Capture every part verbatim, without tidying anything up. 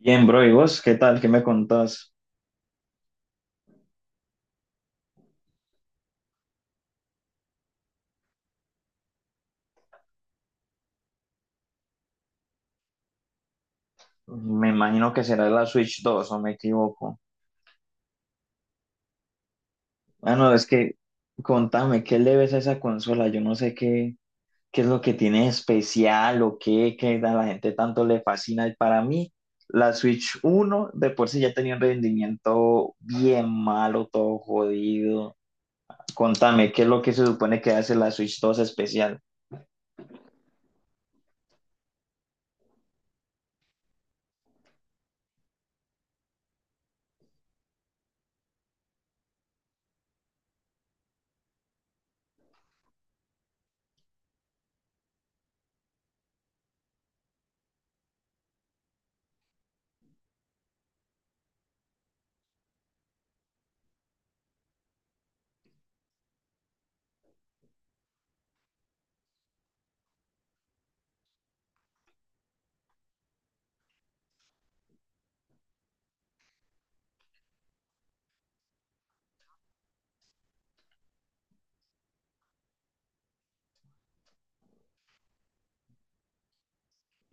Bien, bro, ¿y vos qué tal? ¿Qué me contás? Me imagino que será la Switch dos, ¿o me equivoco? Ah, no, es que Contame, ¿qué le ves a esa consola? Yo no sé qué, ¿Qué es lo que tiene especial o qué, qué a la gente tanto le fascina? Y para mí, la Switch uno de por sí ya tenía un rendimiento bien malo, todo jodido. Contame, ¿qué es lo que se supone que hace la Switch dos especial?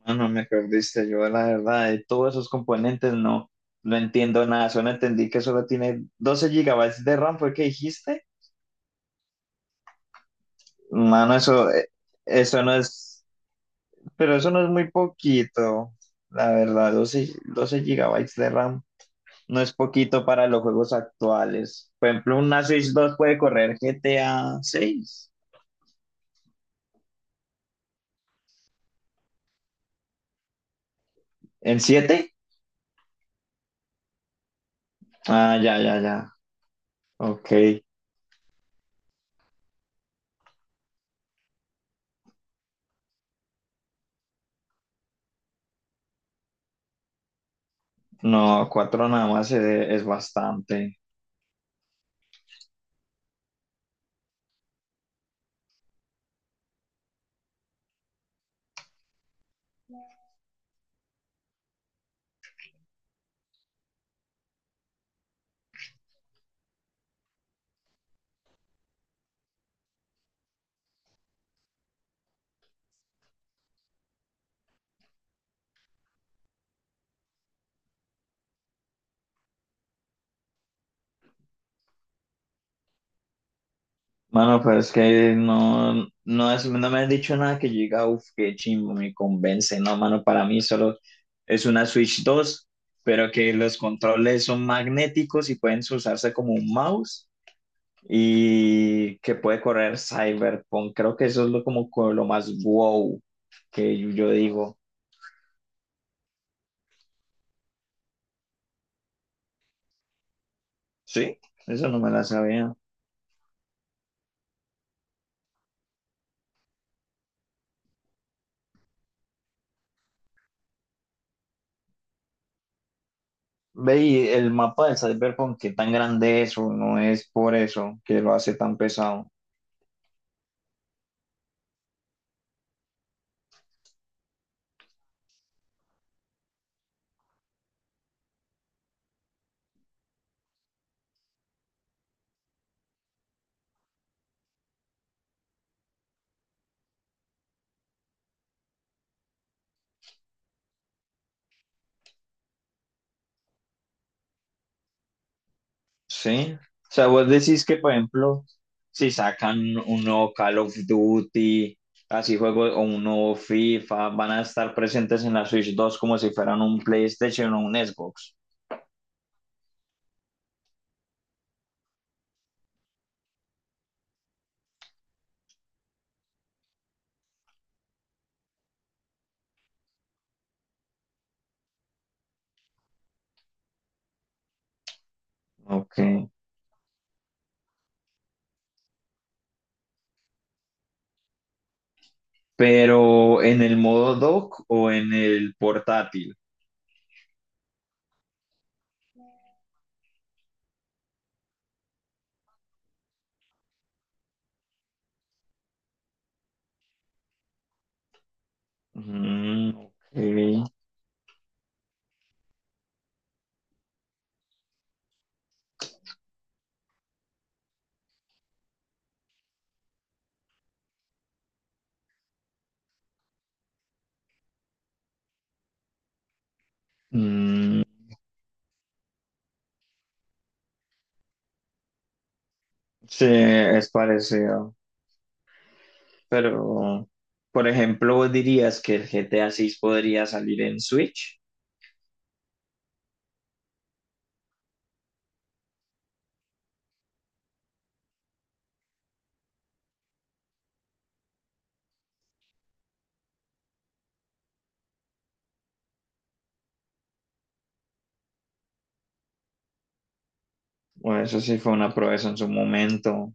Mano, me perdiste, yo la verdad, de todos esos componentes no, no entiendo nada, solo entendí que solo tiene doce gigabytes de RAM, ¿fue que dijiste? Mano, eso, eh, eso no es, pero eso no es muy poquito, la verdad, doce doce gigabytes de RAM no es poquito para los juegos actuales. Por ejemplo, una Switch dos puede correr GTA seis. ¿En siete? Ah, ya, ya, ya, ok. No, cuatro nada más, eh, es bastante. Mano, pero es que no, no, es- no me has dicho nada que yo diga, uff, qué chimbo, me convence. No, mano, para mí solo es una Switch dos, pero que los controles son magnéticos y pueden usarse como un mouse y que puede correr Cyberpunk. Creo que eso es lo, como co- lo más wow que yo, yo digo. Sí, eso no me la sabía. Ve, y el mapa del Cyberpunk, ¿qué tan grande es? ¿O no es por eso que lo hace tan pesado? Sí. O sea, vos decís que, por ejemplo, si sacan un nuevo Call of Duty, así juego, o un nuevo FIFA, van a estar presentes en la Switch dos como si fueran un PlayStation o un Xbox. Ok. Pero ¿en el modo dock o en el portátil? Mm, ok. Mm, sí, es parecido. Pero, por ejemplo, ¿vos dirías que el GTA seis podría salir en Switch? Bueno, eso sí fue una proeza en su momento.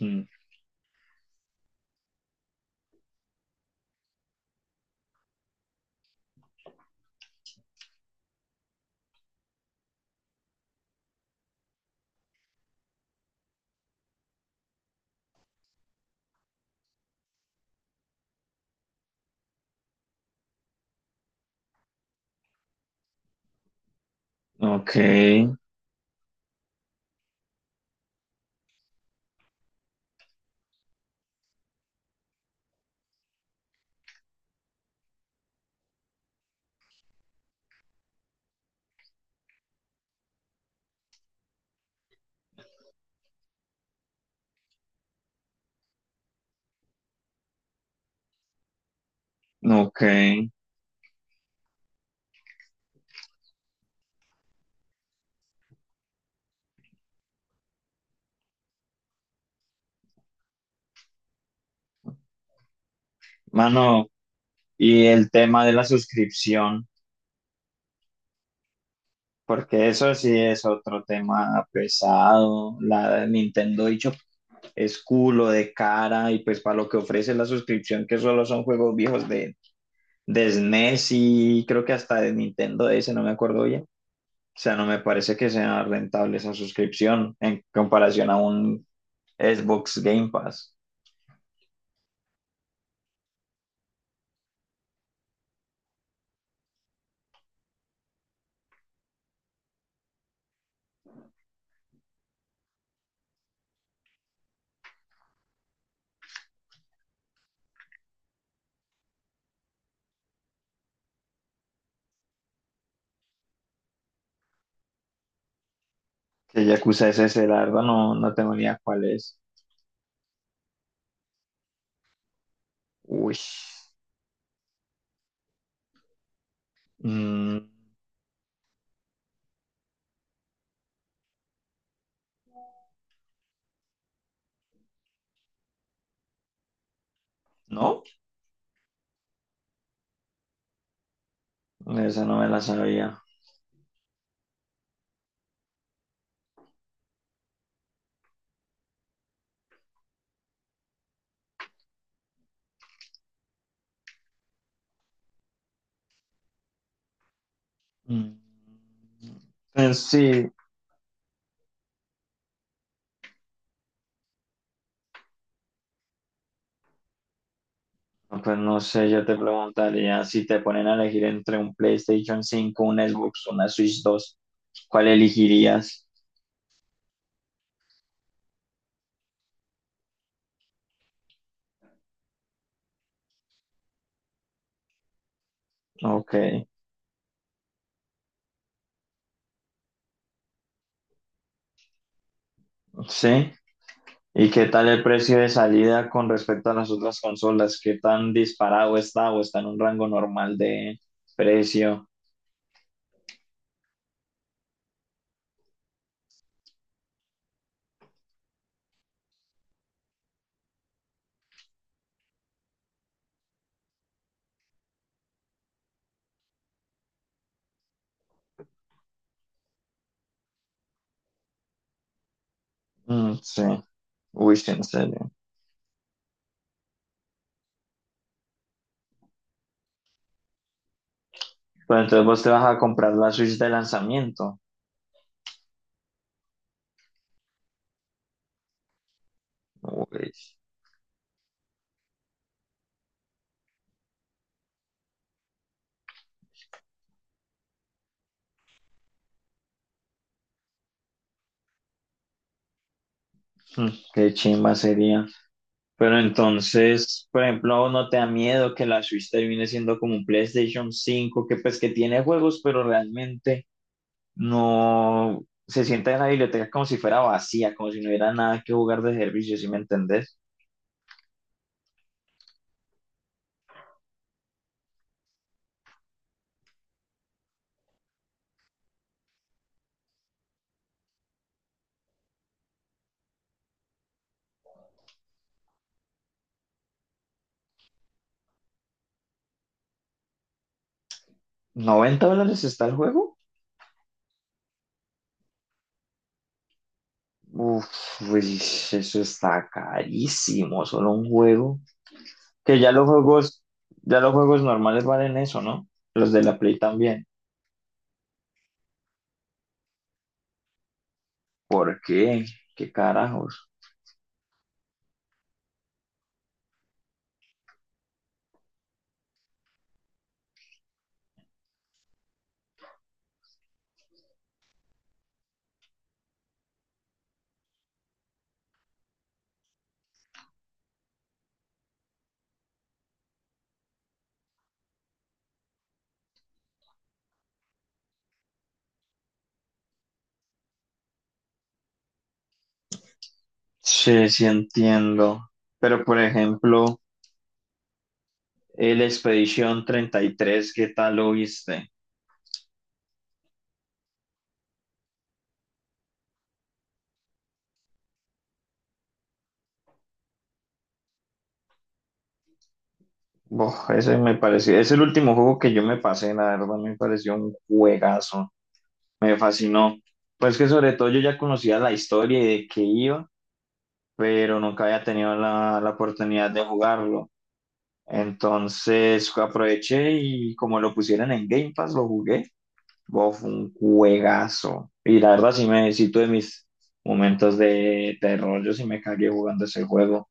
Mm. Ok, ok. Mano, y el tema de la suscripción, porque eso sí es otro tema pesado. La Nintendo, dicho, es culo de cara y pues para lo que ofrece la suscripción, que solo son juegos viejos de, de S N E S y creo que hasta de Nintendo D S, no me acuerdo bien. O sea, no me parece que sea rentable esa suscripción en comparación a un Xbox Game Pass. Que Yakuza es ese? La verdad no, no tengo ni idea cuál es. Uy. Mm, no, esa no me la sabía. Mm. Pues sí, pues no sé, yo te preguntaría si te ponen a elegir entre un PlayStation cinco, un Xbox, una Switch dos, ¿cuál elegirías? Ok, sí. ¿Y qué tal el precio de salida con respecto a las otras consolas? ¿Qué tan disparado está o está en un rango normal de precio? Mm, sí, uy, sí, en serio. Pero entonces vos te vas a comprar la Switch de lanzamiento. Uy, mm, qué chimba sería. Pero entonces, por ejemplo, ¿no te da miedo que la Switch termine siendo como un PlayStation cinco, que pues que tiene juegos, pero realmente no se sienta en la biblioteca como si fuera vacía, como si no hubiera nada que jugar de servicio, si me entendés? ¿Noventa dólares está el juego? Uf, uy, eso está carísimo, solo un juego. Que ya los juegos, ya los juegos normales valen eso, ¿no? Los de la Play también. ¿Por qué? ¿Qué carajos? Sí, sí entiendo. Pero por ejemplo, el Expedition treinta y tres, ¿qué tal lo viste? Bof, ese me pareció, es el último juego que yo me pasé, la verdad me pareció un juegazo, me fascinó. Pues que sobre todo yo ya conocía la historia y de qué iba, pero nunca había tenido la, la oportunidad de jugarlo. Entonces aproveché y como lo pusieron en Game Pass, lo jugué. Bof, un juegazo. Y la verdad, sí me sí tuve mis momentos de terror. Yo sí me cagué jugando ese juego.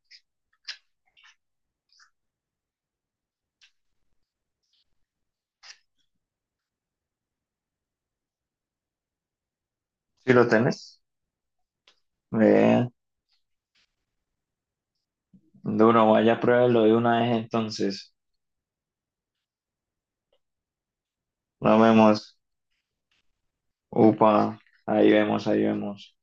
Si lo tenés, eh, duro, vaya, pruébalo de una vez entonces. Nos vemos. Upa, ahí vemos, ahí vemos.